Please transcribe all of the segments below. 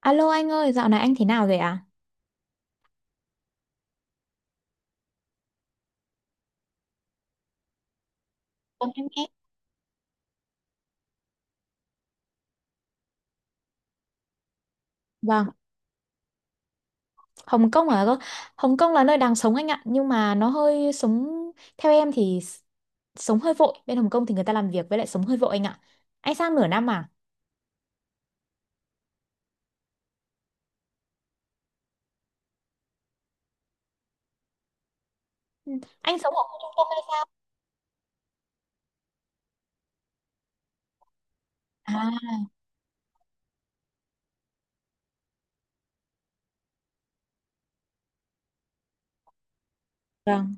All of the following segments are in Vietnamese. Alo anh ơi, dạo này anh thế nào rồi ạ? Vâng, em nghe. Vâng, Hồng Kông à cơ? Hồng Kông là nơi đang sống anh ạ, nhưng mà nó hơi sống theo em thì sống hơi vội. Bên Hồng Kông thì người ta làm việc với lại sống hơi vội anh ạ. Anh sang nửa năm à? Ừ. Anh sống ở khu trung tâm hay sao? À, vâng.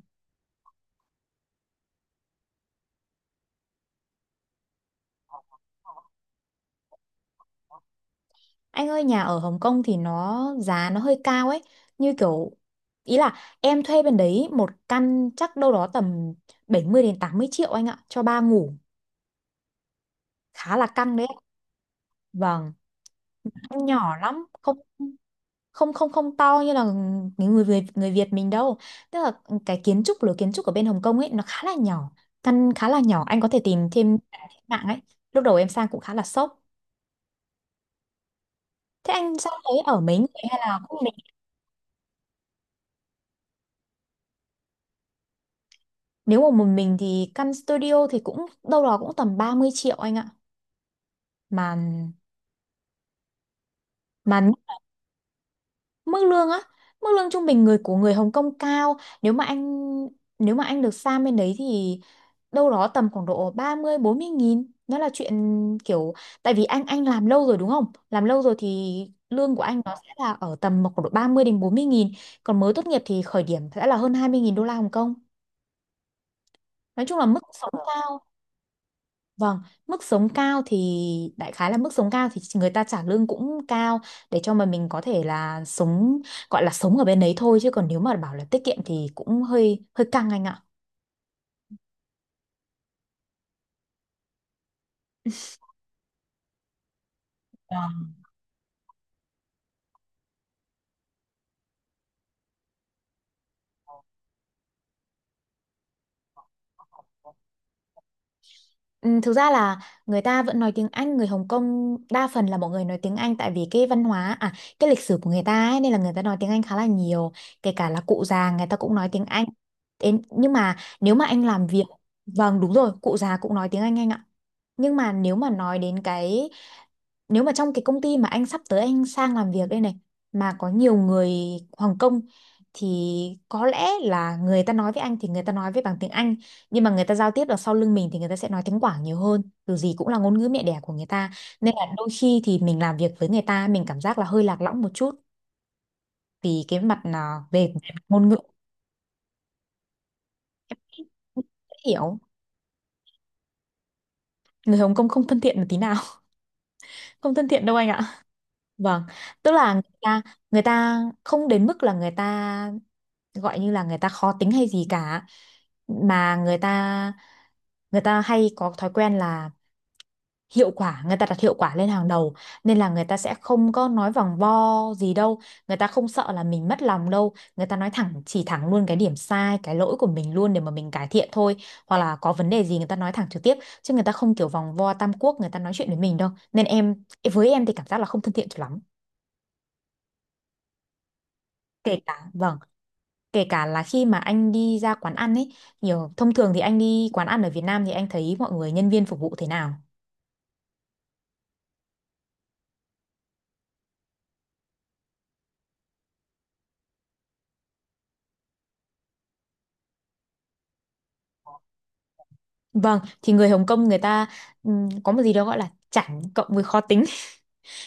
Anh ơi, nhà ở Hồng Kông thì nó giá nó hơi cao ấy, như kiểu ý là em thuê bên đấy một căn chắc đâu đó tầm 70 đến 80 triệu anh ạ, cho ba ngủ, khá là căng đấy. Vâng, nhỏ lắm, không không không không to như là những người Việt mình đâu, tức là cái kiến trúc lối kiến trúc ở bên Hồng Kông ấy nó khá là nhỏ, căn khá là nhỏ. Anh có thể tìm thêm trên mạng ấy. Lúc đầu em sang cũng khá là sốc. Thế anh sang đấy ở mấy người hay là cũng mình? Nếu mà một mình thì căn studio thì cũng đâu đó cũng tầm 30 triệu anh ạ. Mà mà mức lương á, mức lương trung bình người của người Hồng Kông cao. Nếu mà anh nếu mà anh được sang bên đấy thì đâu đó tầm khoảng độ 30-40 nghìn, nó là chuyện kiểu. Tại vì anh làm lâu rồi đúng không, làm lâu rồi thì lương của anh nó sẽ là ở tầm khoảng độ 30 đến 40 nghìn, còn mới tốt nghiệp thì khởi điểm sẽ là hơn 20 nghìn đô la Hồng Kông. Nói chung là mức sống cao. Vâng, mức sống cao thì, đại khái là mức sống cao thì người ta trả lương cũng cao để cho mà mình có thể là sống, gọi là sống ở bên đấy thôi, chứ còn nếu mà bảo là tiết kiệm thì cũng hơi hơi căng anh ạ. Ừ, thực ra là người ta vẫn nói tiếng Anh, người Hồng Kông đa phần là mọi người nói tiếng Anh tại vì cái văn hóa à, cái lịch sử của người ta ấy, nên là người ta nói tiếng Anh khá là nhiều, kể cả là cụ già người ta cũng nói tiếng Anh. Thế nhưng mà nếu mà anh làm việc, vâng đúng rồi, cụ già cũng nói tiếng anh ạ. Nhưng mà nếu mà nói đến cái, nếu mà trong cái công ty mà anh sắp tới anh sang làm việc đây này mà có nhiều người Hồng Kông thì có lẽ là người ta nói với anh thì người ta nói với bằng tiếng Anh, nhưng mà người ta giao tiếp được sau lưng mình thì người ta sẽ nói tiếng Quảng nhiều hơn, dù gì cũng là ngôn ngữ mẹ đẻ của người ta, nên là đôi khi thì mình làm việc với người ta mình cảm giác là hơi lạc lõng một chút vì cái mặt là về ngôn ngữ, dễ hiểu. Người Hồng Kông không thân thiện một tí nào. Không thân thiện đâu anh ạ. Vâng, tức là người ta không đến mức là người ta gọi như là người ta khó tính hay gì cả, mà người ta hay có thói quen là hiệu quả, người ta đặt hiệu quả lên hàng đầu, nên là người ta sẽ không có nói vòng vo gì đâu, người ta không sợ là mình mất lòng đâu, người ta nói thẳng chỉ thẳng luôn cái điểm sai, cái lỗi của mình luôn để mà mình cải thiện thôi, hoặc là có vấn đề gì người ta nói thẳng trực tiếp, chứ người ta không kiểu vòng vo tam quốc người ta nói chuyện với mình đâu. Nên em, với em thì cảm giác là không thân thiện cho lắm. Kể cả vâng, kể cả là khi mà anh đi ra quán ăn ấy, nhiều thông thường thì anh đi quán ăn ở Việt Nam thì anh thấy mọi người nhân viên phục vụ thế nào. Vâng, thì người Hồng Kông người ta có một gì đó gọi là chảnh cộng với khó tính,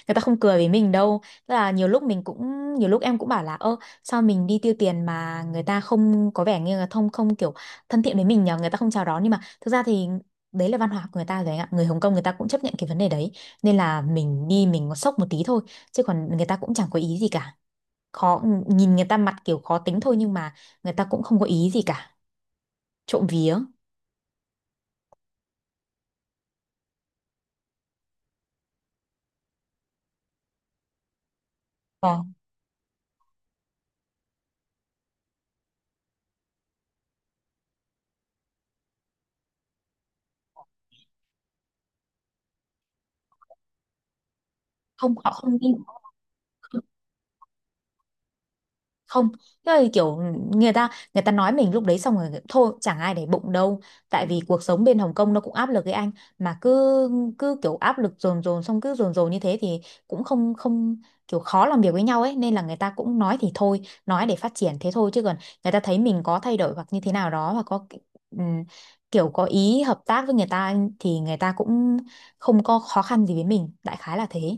người ta không cười với mình đâu. Tức là nhiều lúc mình cũng, nhiều lúc em cũng bảo là ơ, sao mình đi tiêu tiền mà người ta không có vẻ như là thông, không kiểu thân thiện với mình nhờ, người ta không chào đón, nhưng mà thực ra thì đấy là văn hóa của người ta rồi anh ạ, người Hồng Kông người ta cũng chấp nhận cái vấn đề đấy, nên là mình đi mình có sốc một tí thôi chứ còn người ta cũng chẳng có ý gì cả. Khó, nhìn người ta mặt kiểu khó tính thôi, nhưng mà người ta cũng không có ý gì cả, trộm vía. Ờ, không, họ không đi, không, tức là kiểu người ta nói mình lúc đấy xong rồi thôi, chẳng ai để bụng đâu, tại vì cuộc sống bên Hồng Kông nó cũng áp lực với anh, mà cứ cứ kiểu áp lực dồn dồn xong cứ dồn dồn như thế thì cũng không không kiểu khó làm việc với nhau ấy, nên là người ta cũng nói thì thôi, nói để phát triển thế thôi, chứ còn người ta thấy mình có thay đổi hoặc như thế nào đó hoặc có ừm, kiểu có ý hợp tác với người ta thì người ta cũng không có khó khăn gì với mình, đại khái là thế.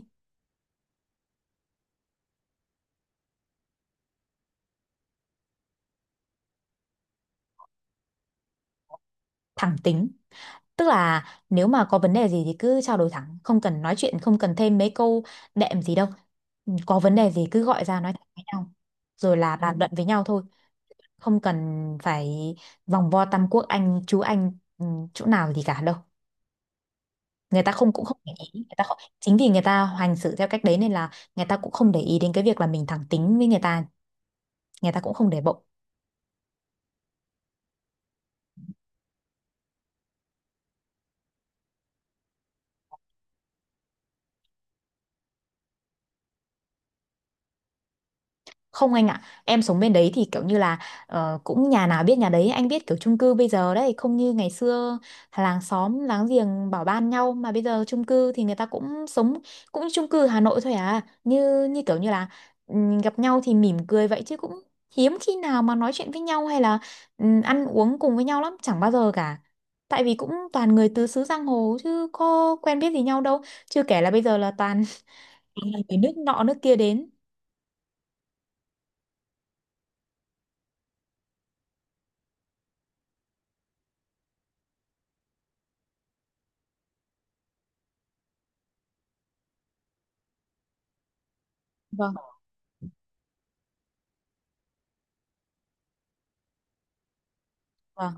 Thẳng tính. Tức là nếu mà có vấn đề gì thì cứ trao đổi thẳng, không cần nói chuyện, không cần thêm mấy câu đệm gì đâu. Có vấn đề gì cứ gọi ra nói thẳng với nhau, rồi là bàn luận với nhau thôi, không cần phải vòng vo tam quốc anh chú anh ừ, chỗ nào gì cả đâu. Người ta không, cũng không để ý, người ta không, chính vì người ta hành xử theo cách đấy nên là người ta cũng không để ý đến cái việc là mình thẳng tính với người ta cũng không để bụng. Không anh ạ, em sống bên đấy thì kiểu như là cũng nhà nào biết nhà đấy, anh biết kiểu chung cư bây giờ đấy, không như ngày xưa làng xóm láng giềng bảo ban nhau, mà bây giờ chung cư thì người ta cũng sống cũng như chung cư Hà Nội thôi à, như như kiểu như là gặp nhau thì mỉm cười vậy chứ cũng hiếm khi nào mà nói chuyện với nhau hay là ăn uống cùng với nhau lắm, chẳng bao giờ cả. Tại vì cũng toàn người tứ xứ giang hồ chứ có quen biết gì nhau đâu, chưa kể là bây giờ là toàn toàn là người nước nọ nước kia đến. Vâng, vâng,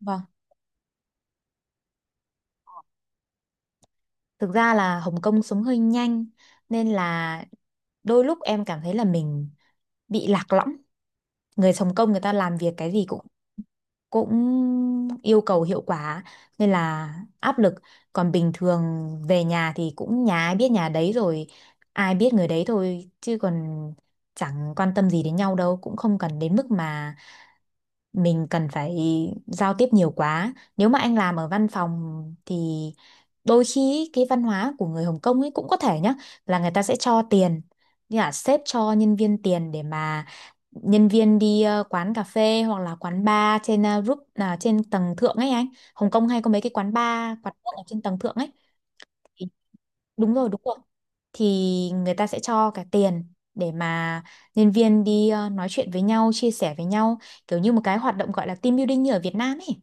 vâng. Thực ra là Hồng Kông sống hơi nhanh, nên là đôi lúc em cảm thấy là mình bị lạc lõng. Người Hồng Kông người ta làm việc cái gì cũng cũng yêu cầu hiệu quả, nên là áp lực. Còn bình thường về nhà thì cũng nhà ai biết nhà đấy rồi, ai biết người đấy thôi chứ còn chẳng quan tâm gì đến nhau đâu, cũng không cần đến mức mà mình cần phải giao tiếp nhiều quá. Nếu mà anh làm ở văn phòng thì đôi khi ý, cái văn hóa của người Hồng Kông ấy cũng có thể nhá là người ta sẽ cho tiền, như là sếp cho nhân viên tiền để mà nhân viên đi quán cà phê hoặc là quán bar trên roof, là trên tầng thượng ấy anh. Hồng Kông hay có mấy cái quán bar quán nước ở trên tầng thượng ấy thì- đúng rồi đúng rồi, thì người ta sẽ cho cả tiền để mà nhân viên đi nói chuyện với nhau, chia sẻ với nhau kiểu như một cái hoạt động gọi là team building như ở Việt Nam ấy.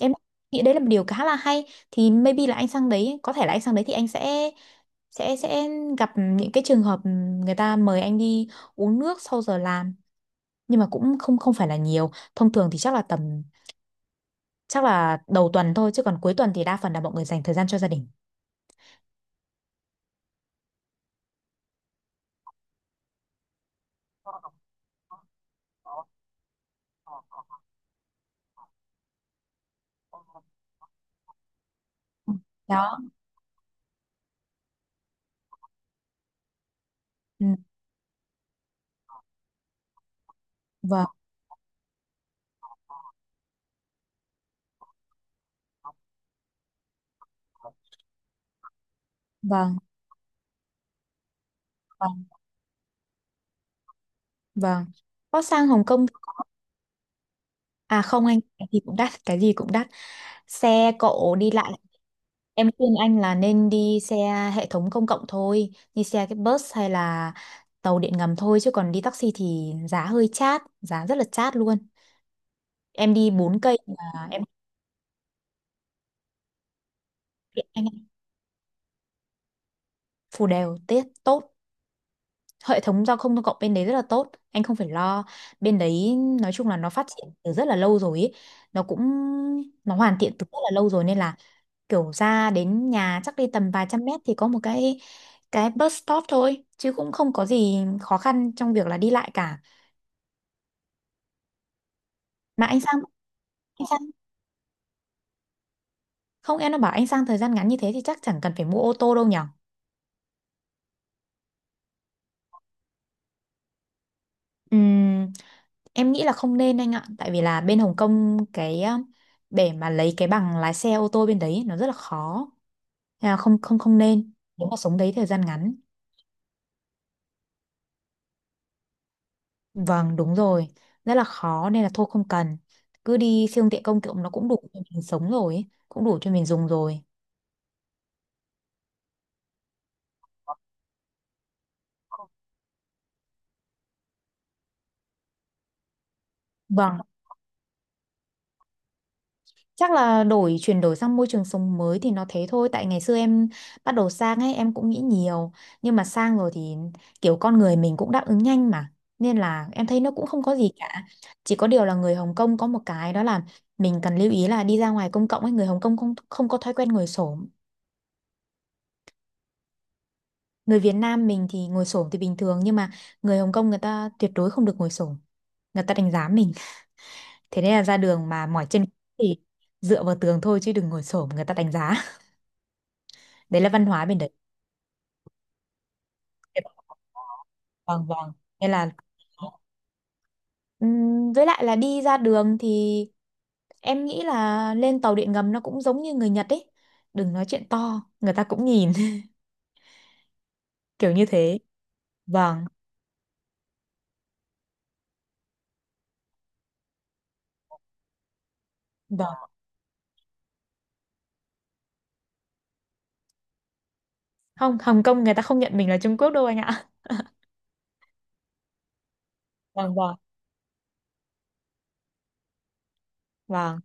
Em nghĩ đấy là một điều khá là hay. Thì maybe là anh sang đấy, có thể là anh sang đấy thì anh sẽ sẽ sẽ gặp những cái trường hợp người ta mời anh đi uống nước sau giờ làm, nhưng mà cũng không không phải là nhiều, thông thường thì chắc là tầm, chắc là đầu tuần thôi chứ còn cuối tuần thì đa phần là mọi người dành thời gian cho gia đình. Đó, ừ, vâng vâng. Vâng, vâng. Có sang Hồng Kông à, không anh, cái gì cũng đắt, cái gì cũng đắt. Xe cộ đi lại, em khuyên anh là nên đi xe hệ thống công cộng thôi, đi xe cái bus hay là tàu điện ngầm thôi chứ còn đi taxi thì giá hơi chát, giá rất là chát luôn. Em đi 4 cây mà em tiện anh ạ. Phù đều tiết tốt. Hệ thống giao thông công cộng bên đấy rất là tốt, anh không phải lo. Bên đấy nói chung là nó phát triển từ rất là lâu rồi ấy. Nó cũng nó hoàn thiện từ rất là lâu rồi nên là kiểu ra đến nhà chắc đi tầm vài trăm mét thì có một cái bus stop thôi chứ cũng không có gì khó khăn trong việc là đi lại cả. Mà anh sang, anh sang không em nó bảo anh sang thời gian ngắn như thế thì chắc chẳng cần phải mua ô tô đâu nhở. Ừm, em nghĩ là không nên anh ạ, tại vì là bên Hồng Kông cái để mà lấy cái bằng lái xe ô tô bên đấy nó rất là khó. Nên là không không không nên nếu mà sống đấy thời gian ngắn. Vâng, đúng rồi. Rất là khó nên là thôi không cần. Cứ đi siêu tiện công cộng nó cũng đủ cho mình sống rồi, ấy, cũng đủ cho mình dùng rồi. Vâng, chắc là đổi chuyển đổi sang môi trường sống mới thì nó thế thôi. Tại ngày xưa em bắt đầu sang ấy em cũng nghĩ nhiều, nhưng mà sang rồi thì kiểu con người mình cũng đáp ứng nhanh mà. Nên là em thấy nó cũng không có gì cả. Chỉ có điều là người Hồng Kông có một cái đó là mình cần lưu ý, là đi ra ngoài công cộng ấy người Hồng Kông không không có thói quen ngồi xổm. Người Việt Nam mình thì ngồi xổm thì bình thường, nhưng mà người Hồng Kông người ta tuyệt đối không được ngồi xổm, người ta đánh giá mình, thế nên là ra đường mà mỏi chân thì dựa vào tường thôi, chứ đừng ngồi xổm người ta đánh giá. Đấy là văn hóa bên đấy. Vâng vâng, nên là với lại là đi ra đường thì em nghĩ là lên tàu điện ngầm nó cũng giống như người Nhật ấy, đừng nói chuyện to người ta cũng nhìn. Kiểu như thế. Vâng vâng. Không, Hồng Kông người ta không nhận mình là Trung Quốc đâu anh ạ. Vâng vâng vâng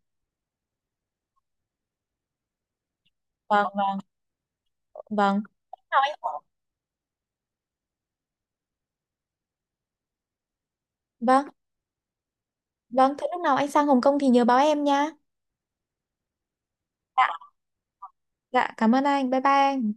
vâng vâng vâng. Nào, vâng. Vâng, thế lúc nào anh sang Hồng Kông thì nhớ báo em nha. Dạ, dạ, cảm ơn anh. Bye bye anh.